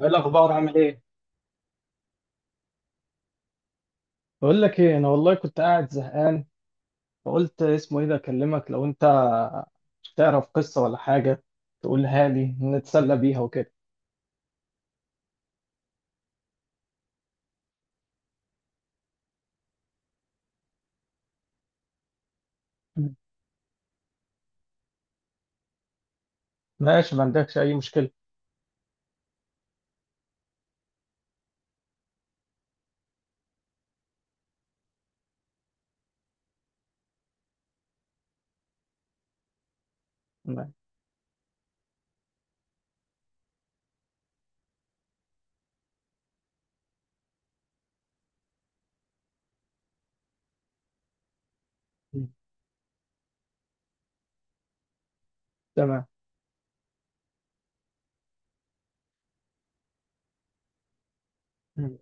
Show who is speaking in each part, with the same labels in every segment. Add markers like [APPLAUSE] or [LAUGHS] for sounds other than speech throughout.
Speaker 1: ايه الاخبار عامل ايه؟ بقول لك ايه، انا والله كنت قاعد زهقان. فقلت اسمه ايه ده اكلمك لو انت تعرف قصة ولا حاجة تقولها لي نتسلى بيها وكده. مم. ماشي، ما عندكش اي مشكلة. تمام. مم. تمام. مم.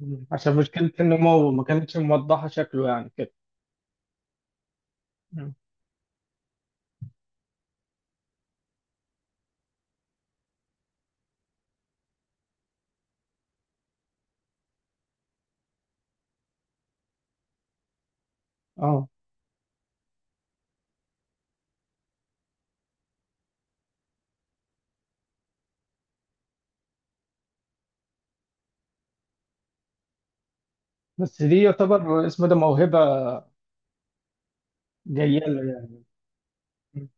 Speaker 1: مم. عشان مشكلة النمو ما كانتش موضحة شكله يعني كده. مم. اه. بس دي يعتبر اسمه ده موهبة جاية له يعني. مم.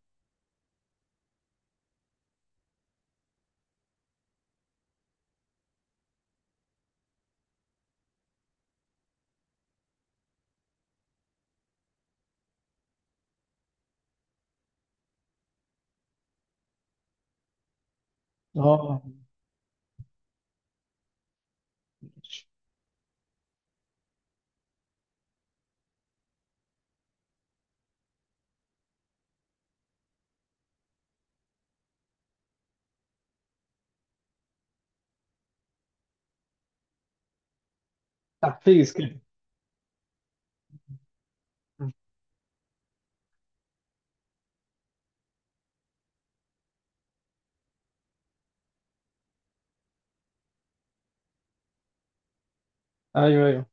Speaker 1: اه. تحفيز كده. مم. ايوه ايوه.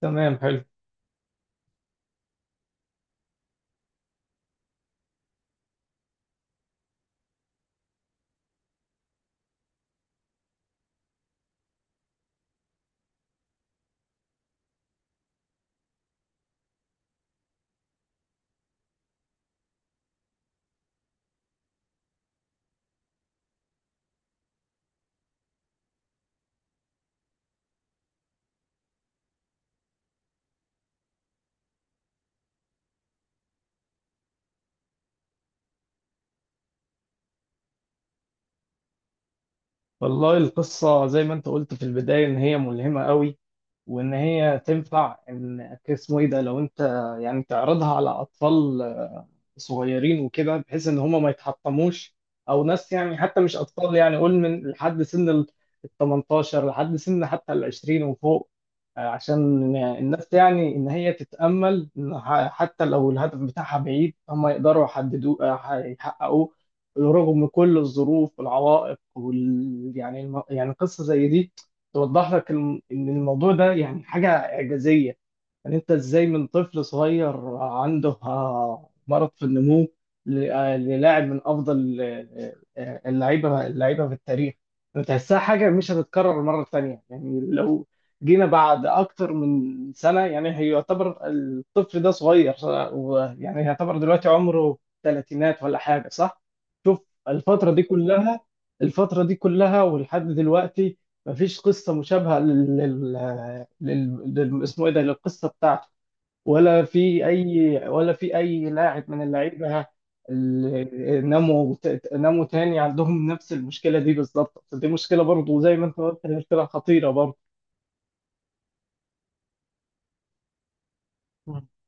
Speaker 1: تمام، حلو. والله القصة زي ما انت قلت في البداية ان هي ملهمة قوي، وان هي تنفع ان اسمه ايه ده لو انت يعني تعرضها على اطفال صغيرين وكده بحيث ان هم ما يتحطموش، او ناس يعني حتى مش اطفال، يعني قول من لحد سن ال 18 لحد سن حتى ال 20 وفوق. عشان الناس يعني ان هي تتامل إن حتى لو الهدف بتاعها بعيد هم يقدروا يحددوه، يحققوه رغم كل الظروف والعوائق يعني يعني قصه زي دي توضح لك ان الموضوع ده يعني حاجه اعجازيه. يعني انت ازاي من طفل صغير عنده مرض في النمو للاعب من افضل اللعيبه في التاريخ. بتحسها حاجه مش هتتكرر مره تانية. يعني لو جينا بعد اكتر من سنه، يعني هي يعتبر الطفل ده صغير، يعني يعتبر دلوقتي عمره ثلاثينات ولا حاجه، صح؟ شوف الفتره دي كلها الفتره دي كلها ولحد دلوقتي مفيش قصه مشابهه اسمه ايه ده للقصه بتاعته، ولا في اي لاعب من اللعيبه اللي ناموا تاني عندهم نفس المشكله دي بالظبط. دي مشكله برضه زي ما انت قلت، هي مشكله خطيره برضه. [LAUGHS]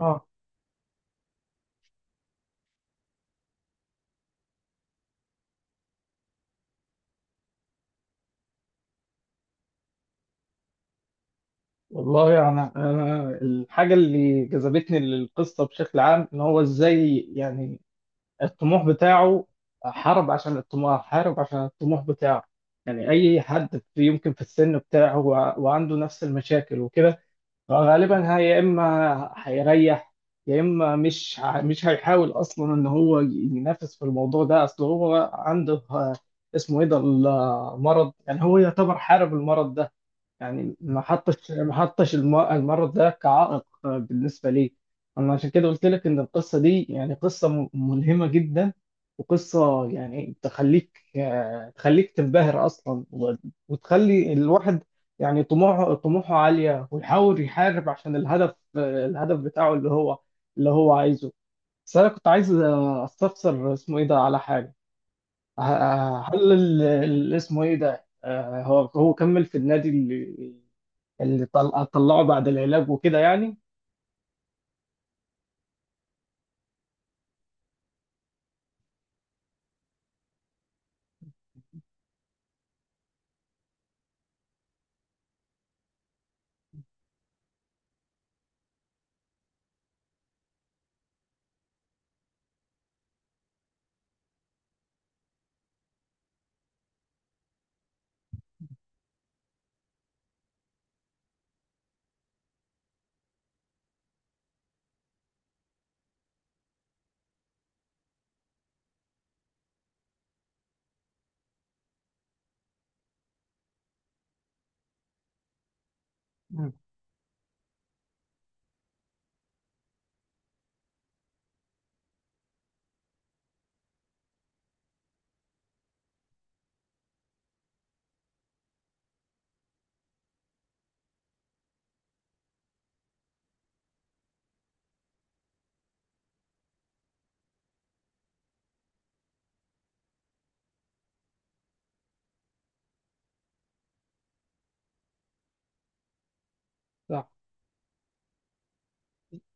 Speaker 1: اه والله، انا الحاجه اللي جذبتني للقصه بشكل عام ان هو ازاي، يعني الطموح بتاعه حارب عشان الطموح بتاعه. يعني أي حد يمكن في السن بتاعه وعنده نفس المشاكل وكده، فغالبا هي يا إما هيريح يا إما مش هيحاول أصلا إن هو ينافس في الموضوع ده، أصل هو عنده اسمه إيه ده المرض. يعني هو يعتبر حارب المرض ده، يعني ما حطش المرض ده كعائق بالنسبة لي. أنا عشان كده قلت لك إن القصة دي يعني قصة ملهمة جدا، وقصة يعني تخليك تنبهر أصلا، وتخلي الواحد يعني طموحه عالية، ويحاول يحارب عشان الهدف بتاعه اللي هو عايزه. بس أنا كنت عايز أستفسر اسمه إيه ده على حاجة. هل اسمه ايه ده هو كمل في النادي اللي طلعه بعد العلاج وكده يعني؟ مم. صح،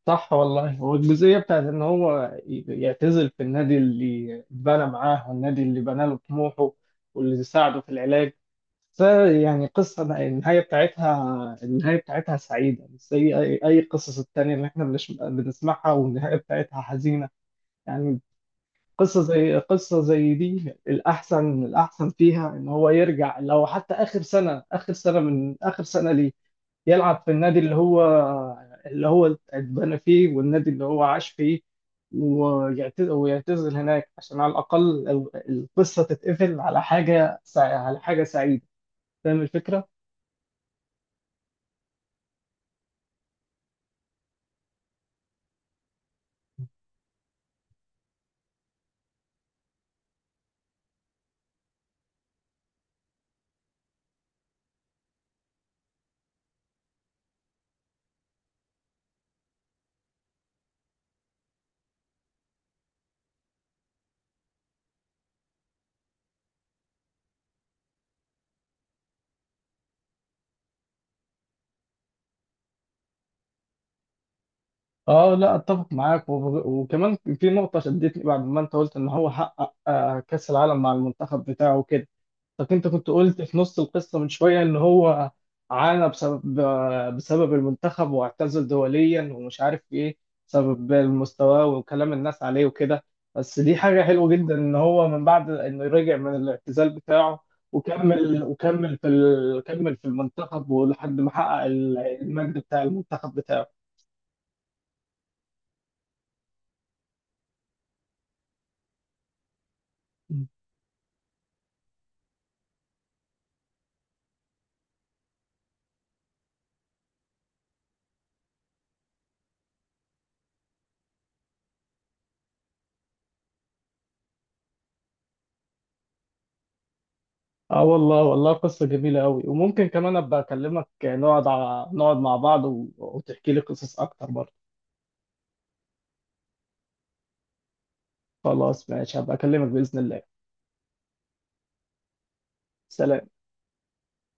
Speaker 1: صح. والله هو الجزئية بتاعت ان هو يعتزل في النادي اللي اتبنى معاه والنادي اللي بنى له طموحه واللي ساعده في العلاج، فيعني قصة النهاية بتاعتها سعيدة مش زي أي قصص التانية اللي إحنا بنسمعها والنهاية بتاعتها حزينة. يعني قصة زي دي الأحسن فيها إن هو يرجع، لو حتى آخر سنة آخر سنة من آخر سنة ليه، يلعب في النادي اللي هو اتبنى فيه والنادي اللي هو عاش فيه، ويعتزل هناك عشان على الأقل القصة تتقفل على على حاجة سعيدة. فاهم الفكرة؟ اه، لا، اتفق معاك. وكمان في نقطة شدتني بعد ما انت قلت ان هو حقق كأس العالم مع المنتخب بتاعه كده. طب انت كنت قلت في نص القصة من شوية ان هو عانى بسبب المنتخب، واعتزل دوليا ومش عارف ايه بسبب المستوى وكلام الناس عليه وكده. بس دي حاجة حلوة جدا ان هو من بعد انه رجع من الاعتزال بتاعه كمل في المنتخب ولحد ما حقق المجد بتاع المنتخب بتاعه. اه، والله والله قصة جميلة قوي، وممكن كمان ابقى اكلمك نقعد مع بعض وتحكي لي قصص اكتر برضه. خلاص ماشي، هبقى اكلمك بإذن الله. سلام.